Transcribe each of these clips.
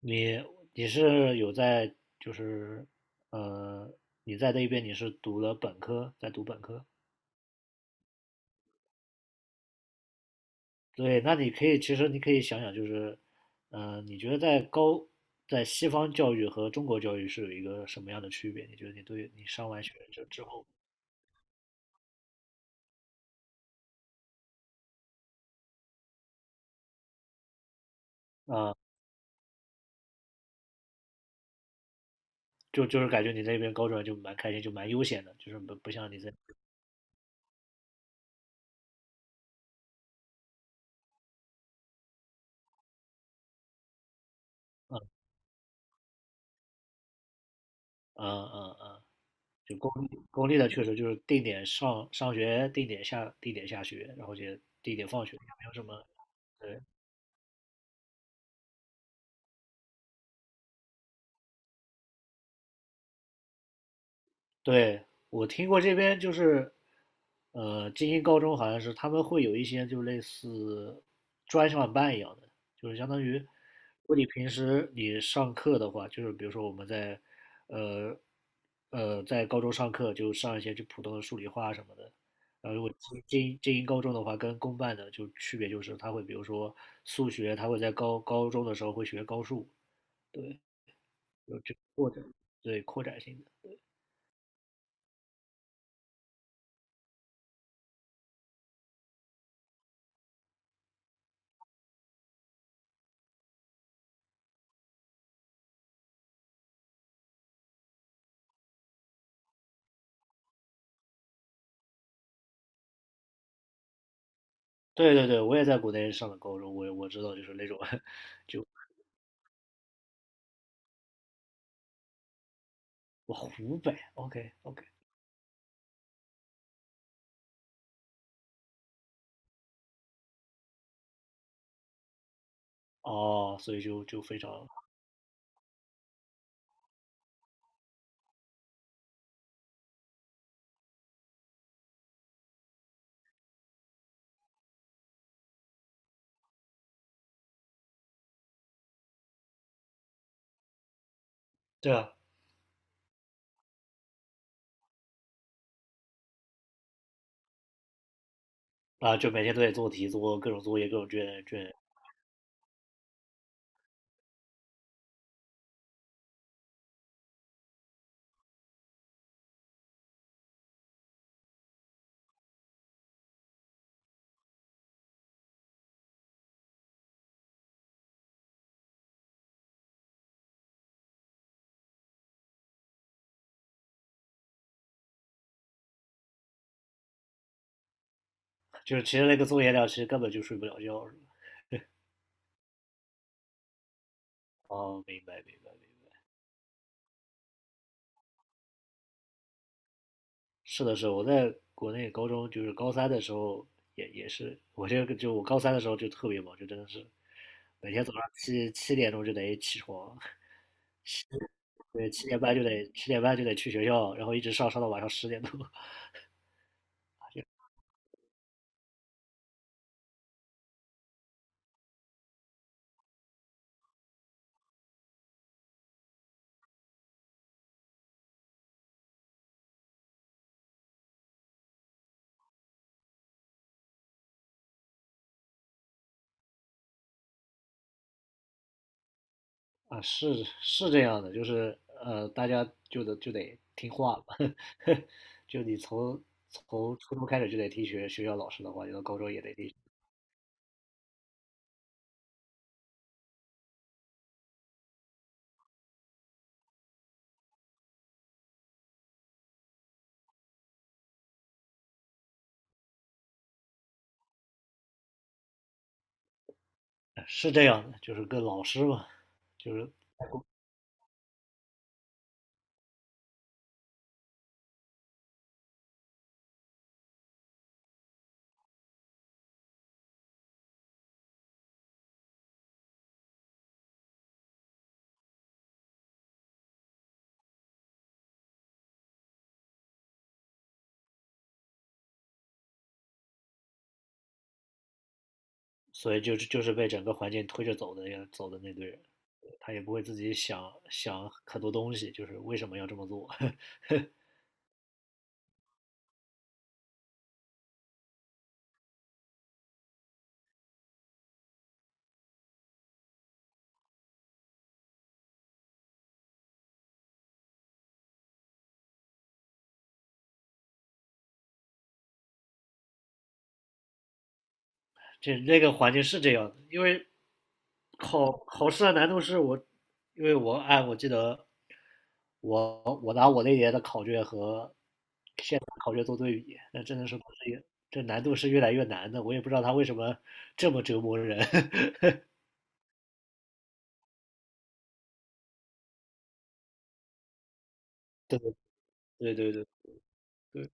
你你是有在就是呃你在那边你是读了本科，在读本科。对，那你可以其实你可以想想就是，你觉得在西方教育和中国教育是有一个什么样的区别？你觉得你上完学就之后啊。就是感觉你在那边高中就蛮开心，就蛮悠闲的，就是不像你在。嗯嗯嗯嗯，就公立的确实就是定点上学，定点下学，然后就定点放学，也没有什么。对。对，我听过这边就是，精英高中好像是他们会有一些就类似专项班一样的，就是相当于，如果你平时你上课的话，就是比如说我们在，呃，在高中上课就上一些就普通的数理化什么的。然后如果精英高中的话，跟公办的就区别就是他会比如说数学，他会在高中的时候会学高数，对，有这个扩展，对，扩展性的。对，我也在国内上的高中，我知道就是那种。就我湖北，OK OK，哦，所以就非常，对啊。啊，就每天都得做题，做各种作业，各种卷，就是其实那个作业量其实根本就睡不了觉，是吧？哦，明白明白明白。是的是的，我在国内高中就是高三的时候也是，我这个就我高三的时候就特别忙，就真的是每天早上七点钟就得起床，对，七点半就得去学校，然后一直上到晚上十点多。啊，是这样的，就是大家就得听话了。就你从初中开始就得听学校老师的话，你到高中也得听。是这样的，就是跟老师嘛，就是所以就是被整个环境推着走的呀，走的那堆人，他也不会自己想想很多东西，就是为什么要这么做。那个环境是这样的，因为考试的难度是我，因为我按我记得我拿我那年的考卷和现在考卷做对比，那真的是不是也，这难度是越来越难的，我也不知道他为什么这么折磨人。对对对对对，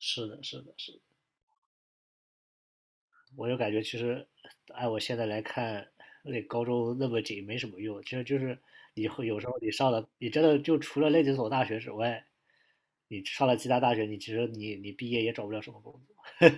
是的，是的，是的。我就感觉其实按我现在来看，那高中那么紧没什么用。其实就是你会有时候你上了，你真的就除了那几所大学之外，你上了其他大学，你其实你毕业也找不了什么工作。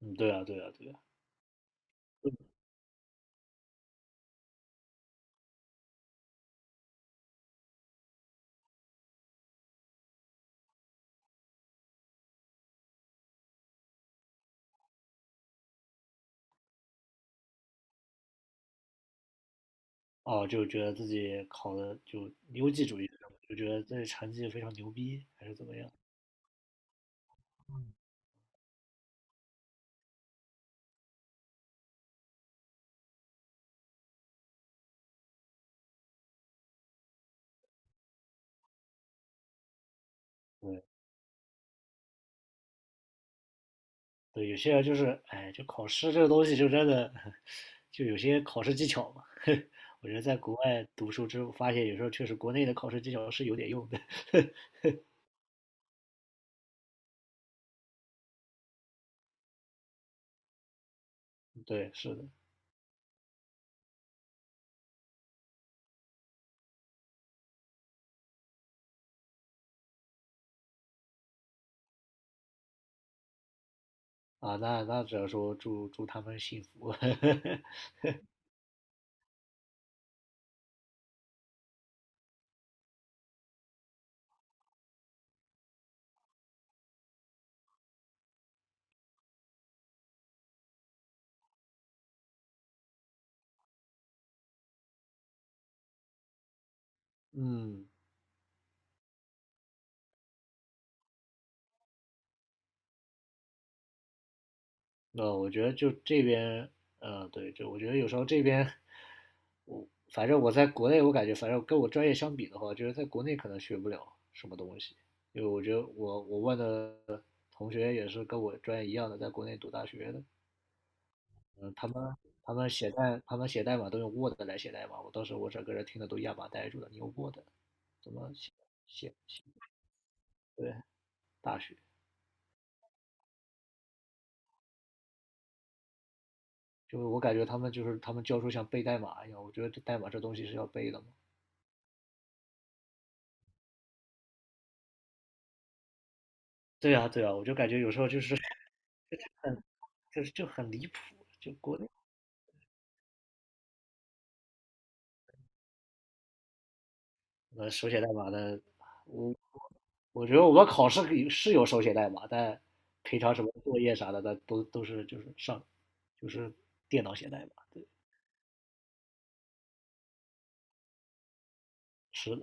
嗯，对啊，对啊，对啊。哦，就觉得自己考的就优绩主义就觉得自己成绩非常牛逼，还是怎么样？对，对，有些人就是，哎，就考试这个东西，就真的， 就有些考试技巧嘛。我觉得在国外读书之后，发现有时候确实国内的考试技巧是有点用的。对，是的。啊，那只能说祝他们幸福。嗯，那我觉得就这边，嗯，对，就我觉得有时候这边，我反正我在国内，我感觉反正跟我专业相比的话，就是在国内可能学不了什么东西，因为我觉得我问的同学也是跟我专业一样的，在国内读大学的，嗯，他们写代码都用 Word 来写代码，我当时我整个人听得都哑巴呆住了，你用 Word 怎么写？对，大学就是我感觉他们教授像背代码一样，我觉得这代码这东西是要背的嘛。对啊，对啊，我就感觉有时候就是很，就是就很离谱，就国内手写代码的，我我觉得我们考试可以是有手写代码，但平常什么作业啥的，那都是就是上就是电脑写代码，对，是的，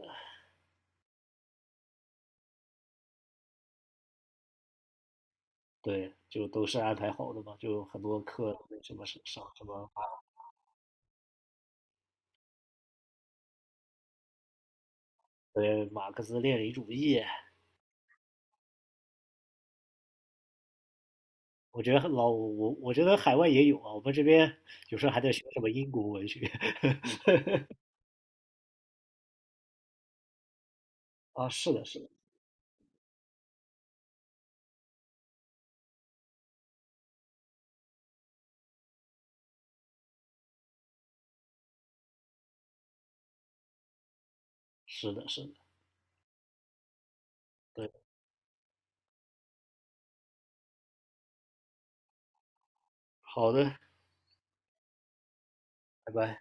对，就都是安排好的嘛，就很多课那什么是上什么对，马克思列宁主义，我觉得海外也有啊，我们这边有时候还在学什么英国文学。 啊，是的，是的，是的，是的。对。好的，拜拜。